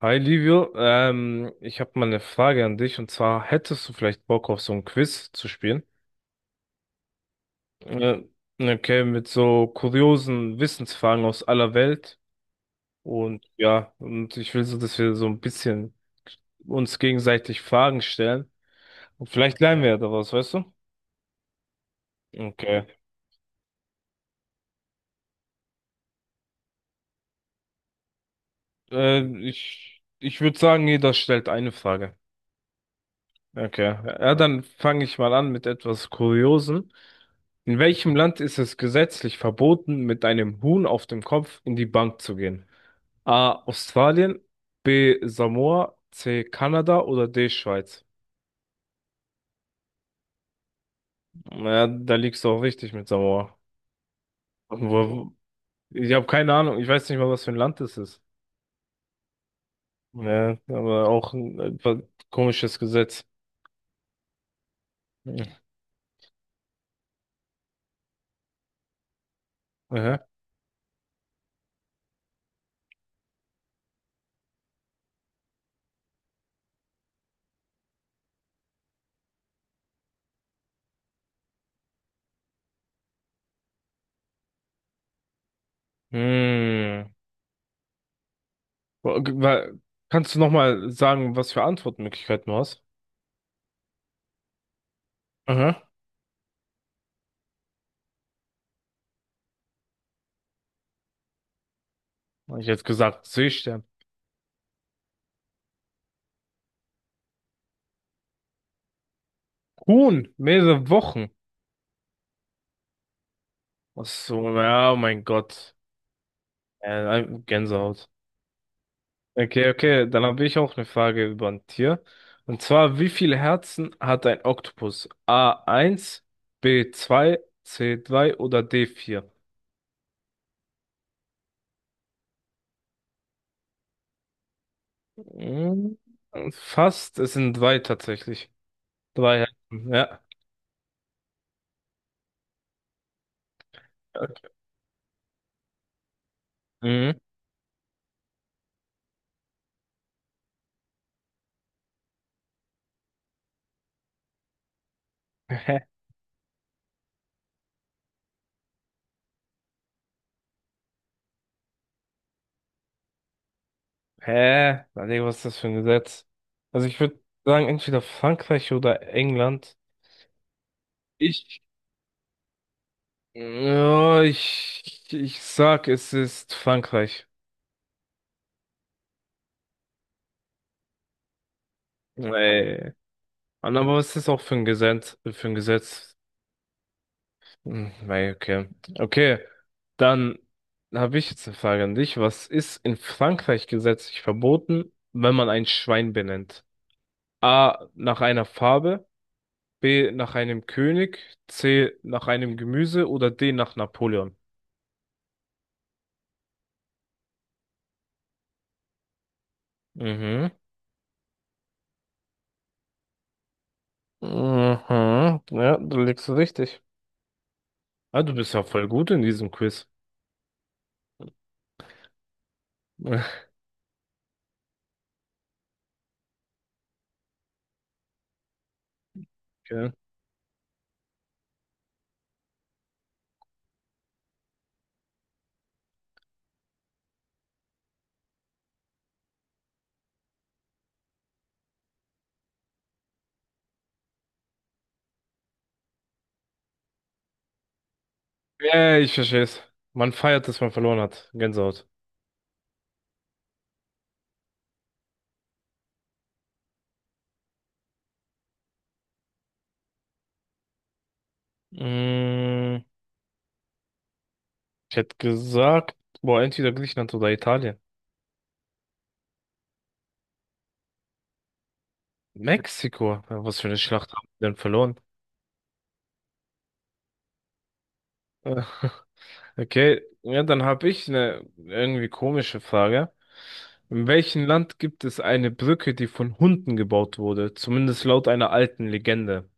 Hi Livio, ich habe mal eine Frage an dich und zwar hättest du vielleicht Bock auf so ein Quiz zu spielen? Äh, okay, mit so kuriosen Wissensfragen aus aller Welt und ja, und ich will so, dass wir so ein bisschen uns gegenseitig Fragen stellen und vielleicht lernen wir ja daraus, weißt du? Okay, äh, ich ich würde sagen, jeder stellt eine Frage. Okay. Ja, dann fange ich mal an mit etwas Kuriosem. In welchem Land ist es gesetzlich verboten, mit einem Huhn auf dem Kopf in die Bank zu gehen? A. Australien, B. Samoa, C. Kanada oder D. Schweiz? Ja, da liegst du auch richtig mit Samoa. Wo, ich habe keine Ahnung, ich weiß nicht mal, was für ein Land das ist. Ja, aber auch ein etwas komisches Gesetz. Mhm. Aha. Hm. Wa- wa- Kannst du nochmal sagen, was für Antwortmöglichkeiten du hast? Aha. Hab ich jetzt gesagt, Seestern. Huhn, mehrere Wochen. Ach so, ja, oh mein Gott. Gänsehaut. Okay, okay, dann habe ich auch eine Frage über ein Tier. Und zwar, wie viele Herzen hat ein Oktopus? A Eins. B Zwei. C3 oder d Vier. Hm, fast, es sind drei tatsächlich. Drei Herzen, ja. Mhm. Hä? Hä? Überleg, was ist das für ein Gesetz? Also ich würde sagen, entweder Frankreich oder England. Ich, ja, ich sag, es ist Frankreich. Ey. Aber was ist auch für ein Gesetz, für ein Gesetz? Hm, weil, okay. Okay, dann habe ich jetzt eine Frage an dich. Was ist in Frankreich gesetzlich verboten, wenn man ein Schwein benennt? A, nach einer Farbe, B, nach einem König, C, nach einem Gemüse oder D, nach Napoleon? Mhm. Mhm. Ja, du liegst richtig. Ah, du bist ja voll gut in diesem Quiz. Okay. Ja, ich verstehe es. Man feiert, dass man verloren hat. Gänsehaut. Mm, ich hätte gesagt, boah, entweder Griechenland oder Italien. Mexiko. Ja, was für eine Schlacht haben wir denn verloren? Okay, ja, dann habe ich eine irgendwie komische Frage. In welchem Land gibt es eine Brücke, die von Hunden gebaut wurde? Zumindest laut einer alten Legende.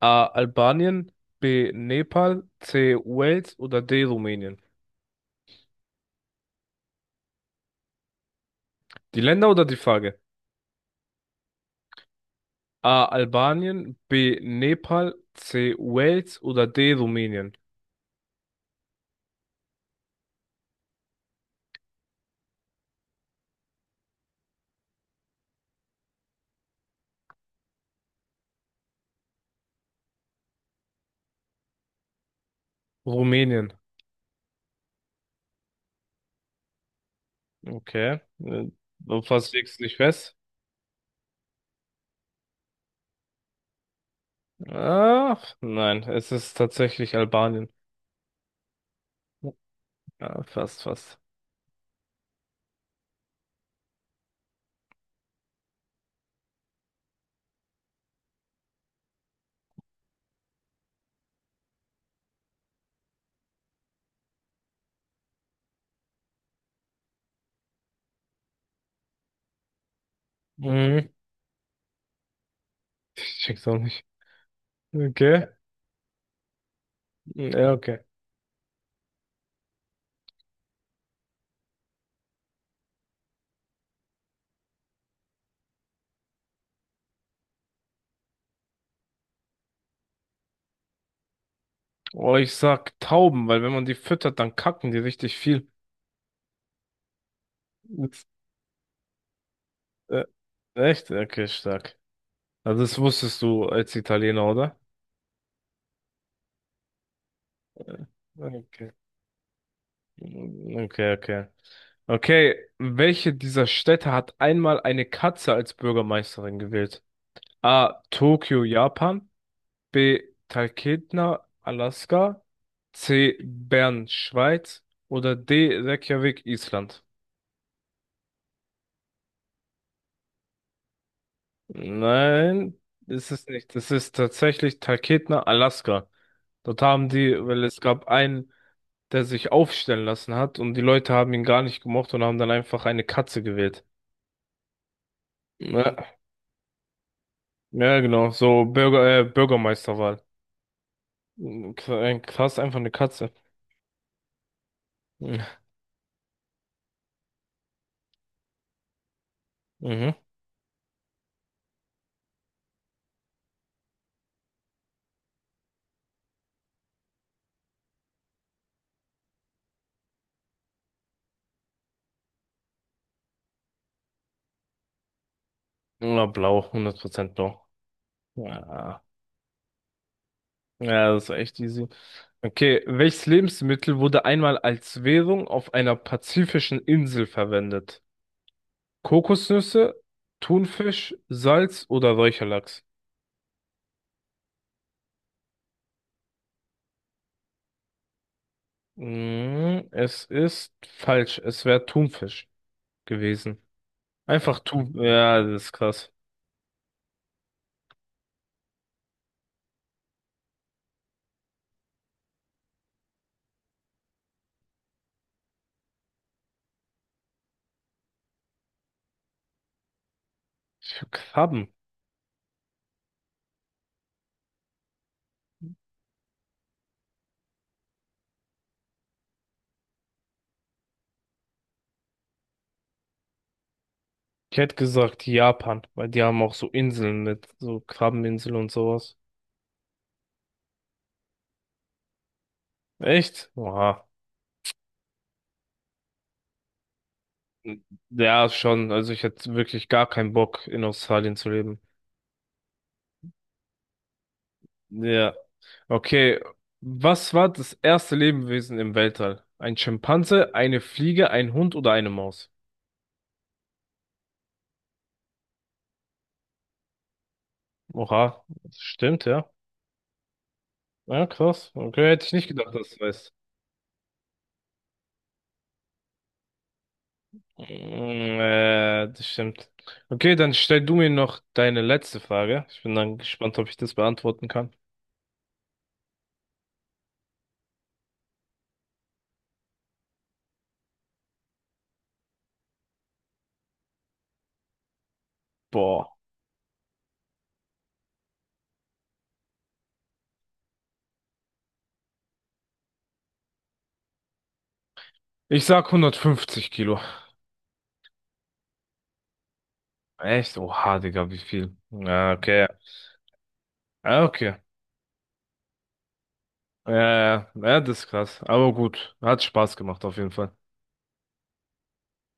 A. Albanien, B. Nepal, C. Wales oder D. Rumänien? Die Länder oder die Frage? A. Albanien, B. Nepal, C. Wales oder D. Rumänien? Rumänien. Okay. Du fast legst nicht fest. Ach, nein, es ist tatsächlich Albanien. Ja, fast, fast. Mhm. Ich check's auch nicht. Okay. Ja, okay. Oh, ich sag Tauben, weil wenn man die füttert, dann kacken die richtig viel. Jetzt, äh, echt? Okay, stark. Also das wusstest du als Italiener, oder? Äh, Okay. Okay, okay. Okay, welche dieser Städte hat einmal eine Katze als Bürgermeisterin gewählt? A. Tokio, Japan. B. Talkeetna, Alaska. C. Bern, Schweiz. Oder D. Reykjavik, Island. Nein, ist es nicht. Es ist tatsächlich Talkeetna, Alaska. Dort haben die, weil es gab einen, der sich aufstellen lassen hat und die Leute haben ihn gar nicht gemocht und haben dann einfach eine Katze gewählt. Ja, ja genau, so Bürgermeisterwahl. Krass, einfach eine Katze. Mhm. Mhm. Ja, blau, 100% blau. Ja. Ja, das ist echt easy. Okay, welches Lebensmittel wurde einmal als Währung auf einer pazifischen Insel verwendet? Kokosnüsse, Thunfisch, Salz oder Räucherlachs? Mhm, es ist falsch. Es wäre Thunfisch gewesen. Einfach Thun. Ja, das ist krass. Für Krabben. Ich hätte gesagt Japan, weil die haben auch so Inseln mit so Krabbeninseln und sowas. Echt? Oha. Ja, schon. Also ich hätte wirklich gar keinen Bock, in Australien zu leben. Ja. Okay. Was war das erste Lebewesen im Weltall? Ein Schimpanse, eine Fliege, ein Hund oder eine Maus? Oha. Das stimmt, ja. Ja, krass. Okay, hätte ich nicht gedacht, dass du weißt. Mm, das stimmt. Okay, dann stell du mir noch deine letzte Frage. Ich bin dann gespannt, ob ich das beantworten kann. Boah. Ich sag 150 Kilo. Echt? Oha, Digga, wie viel? Ja, okay. Ja, okay. Ja, ja, ja, das ist krass. Aber gut. Hat Spaß gemacht, auf jeden Fall.